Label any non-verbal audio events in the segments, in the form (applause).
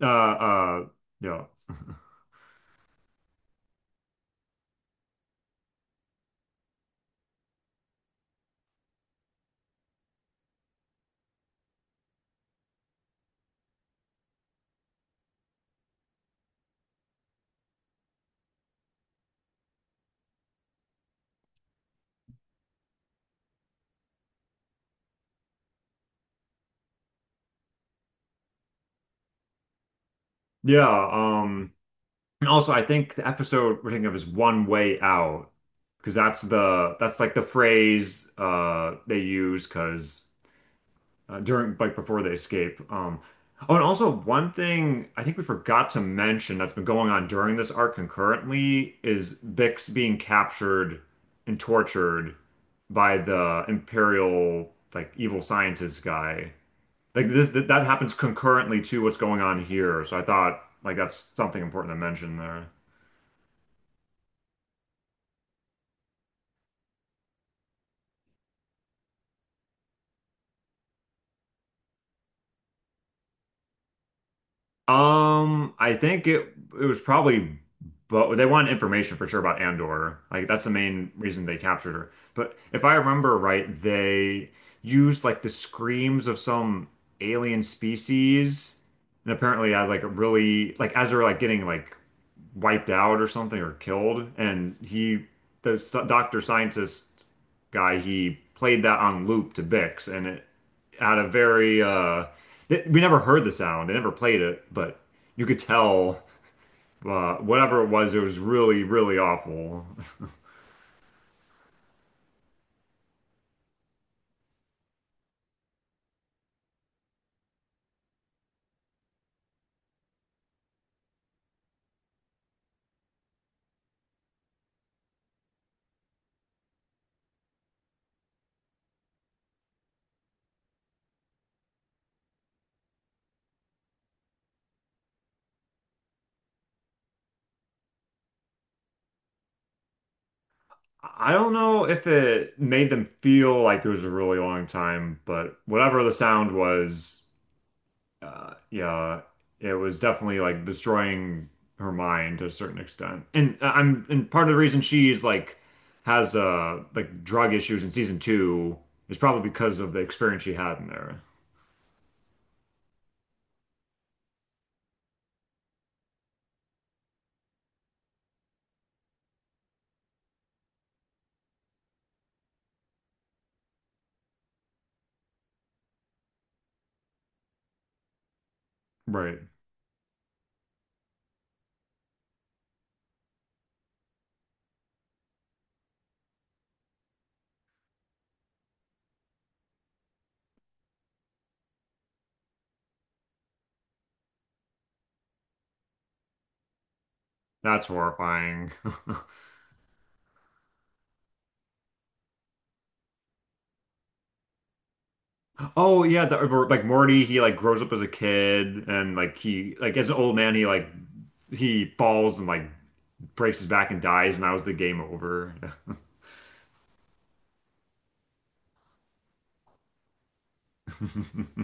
Uh, uh, yeah, yeah. And also, I think the episode we're thinking of is One Way Out because that's like the phrase they use because during like before they escape. Oh, and also one thing I think we forgot to mention that's been going on during this arc concurrently is Bix being captured and tortured by the Imperial like evil scientist guy. Like that happens concurrently to what's going on here. So I thought like that's something important to mention there. I think it was probably, but they wanted information for sure about Andor. Like that's the main reason they captured her. But if I remember right, they used like the screams of some alien species and apparently as like really like as they're like getting like wiped out or something or killed. And he, doctor scientist guy, he played that on loop to Bix, and it had we never heard the sound. They never played it, but you could tell whatever it was really, really awful. (laughs) I don't know if it made them feel like it was a really long time, but whatever the sound was, yeah, it was definitely like destroying her mind to a certain extent. And I'm and part of the reason she's like has like drug issues in season two is probably because of the experience she had in there. Right. That's horrifying. (laughs) Oh yeah, like Morty, he like grows up as a kid and like he like as an old man he falls and like breaks his back and dies, and that was the game over. (laughs)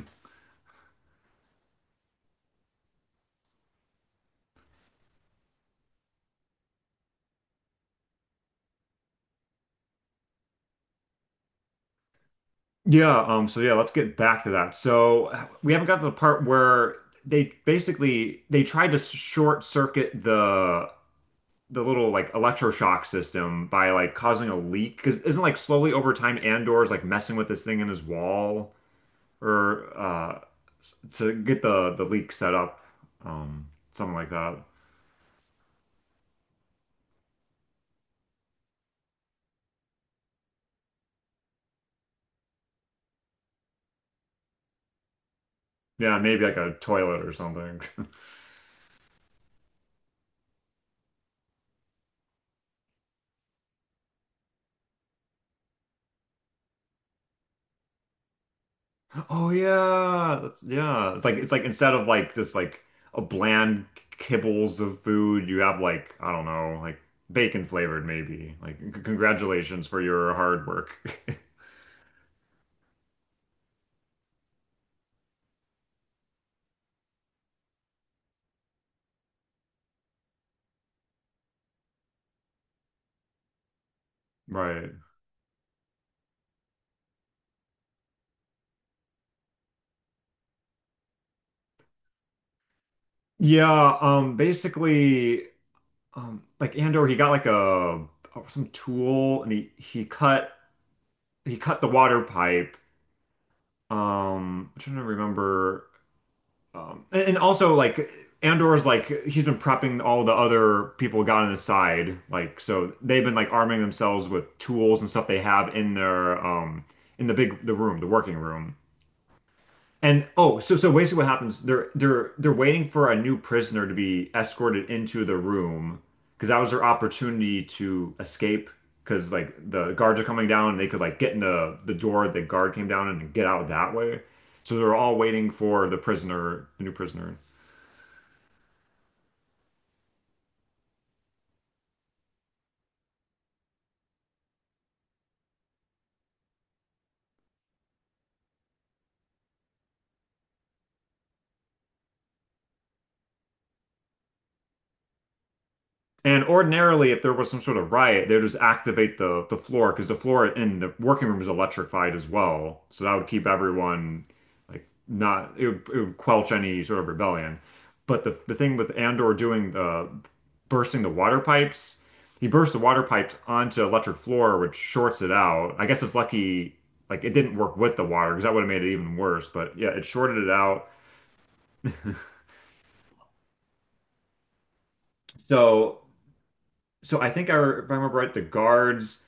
Yeah, so yeah, let's get back to that. So we haven't got to the part where they basically they tried to short circuit the little like electroshock system by like causing a leak because isn't like slowly over time Andor's like messing with this thing in his wall or to get the leak set up, something like that. Yeah, maybe like a toilet or something. (laughs) Oh yeah, that's yeah. It's like instead of like just like a bland kibbles of food, you have like I don't know, like bacon flavored maybe. Like c congratulations for your hard work. (laughs) Right. Yeah, basically like Andor he got like a some tool and he cut the water pipe. I'm trying to remember. And also like Andor's like he's been prepping all the other people got on his side, like so they've been like arming themselves with tools and stuff they have in their in the room, the working room. And oh, so basically what happens, they're waiting for a new prisoner to be escorted into the room because that was their opportunity to escape because like the guards are coming down and they could like get in the door the guard came down and get out that way. So they're all waiting for the prisoner, the new prisoner. And ordinarily, if there was some sort of riot, they would just activate the floor because the floor in the working room is electrified as well. So that would keep everyone like not it would quench any sort of rebellion. But the thing with Andor doing the bursting the water pipes, he burst the water pipes onto electric floor, which shorts it out. I guess it's lucky like it didn't work with the water because that would have made it even worse. But yeah, it shorted it out. So so I think if I remember right, the guards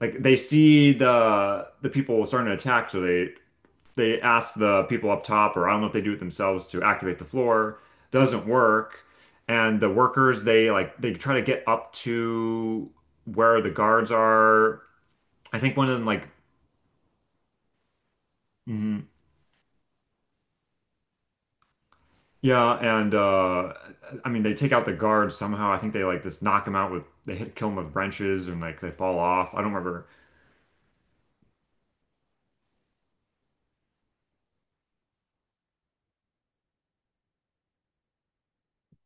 like they see the people starting to attack, so they ask the people up top, or I don't know if they do it themselves to activate the floor. Doesn't work, and the workers they like they try to get up to where the guards are. I think one of them like. Mhm. Yeah, and I mean they take out the guards somehow. I think they like just knock them out with they hit kill them with wrenches and like they fall off. I don't remember.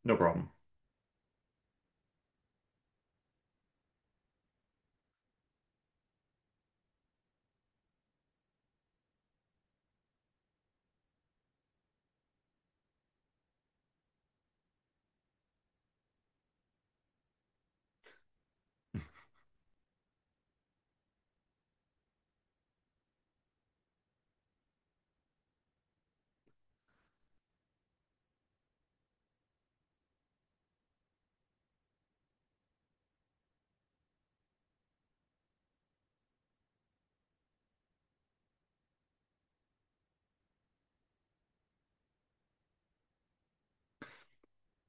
No problem.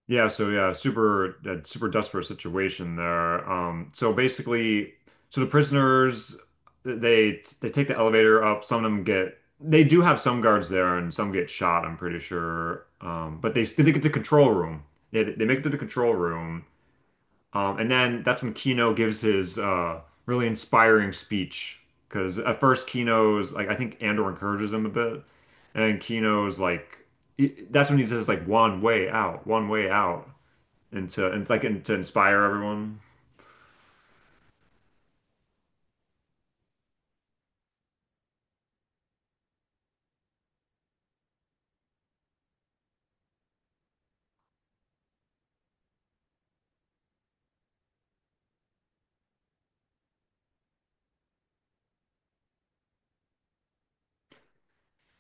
Yeah, so yeah, super desperate situation there. So basically, so the prisoners they take the elevator up. Some of them get they do have some guards there, and some get shot. I'm pretty sure. But they get to the control room. They make it to the control room, and then that's when Kino gives his really inspiring speech. Because at first Kino's like I think Andor encourages him a bit, and Kino's like that's when he says like one way out and to inspire everyone.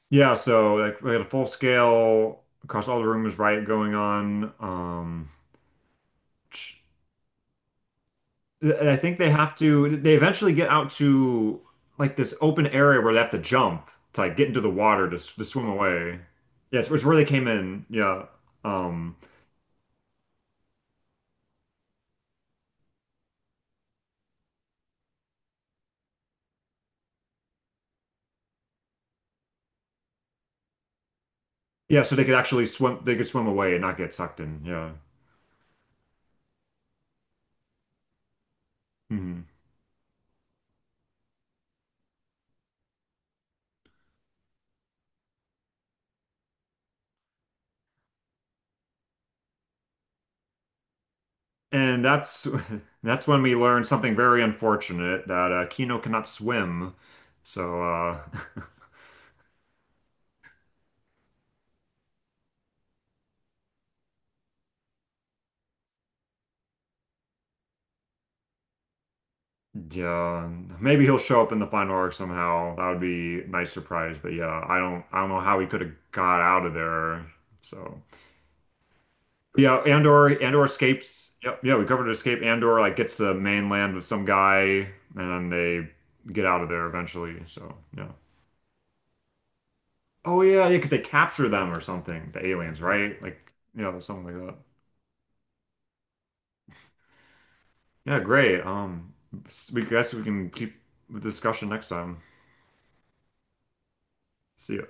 Yeah, so like we had a full scale across all the rooms riot going on. I think they have to. They eventually get out to like this open area where they have to jump to like get into the water to swim away. Yeah, it's where they came in. Yeah. Um, yeah, so they could actually swim. They could swim away and not get sucked in. Yeah. Hmm. And that's (laughs) that's when we learned something very unfortunate that Kino cannot swim. So (laughs) Yeah, maybe he'll show up in the final arc somehow. That would be a nice surprise. But yeah, I don't know how he could have got out of there. So yeah, Andor escapes. Yep, yeah, we covered escape. Andor like gets to the mainland with some guy, and they get out of there eventually. So yeah. Oh yeah, yeah, because they capture them or something. The aliens, right? Like yeah, something like that. Yeah, great. We guess we can keep the discussion next time. See ya.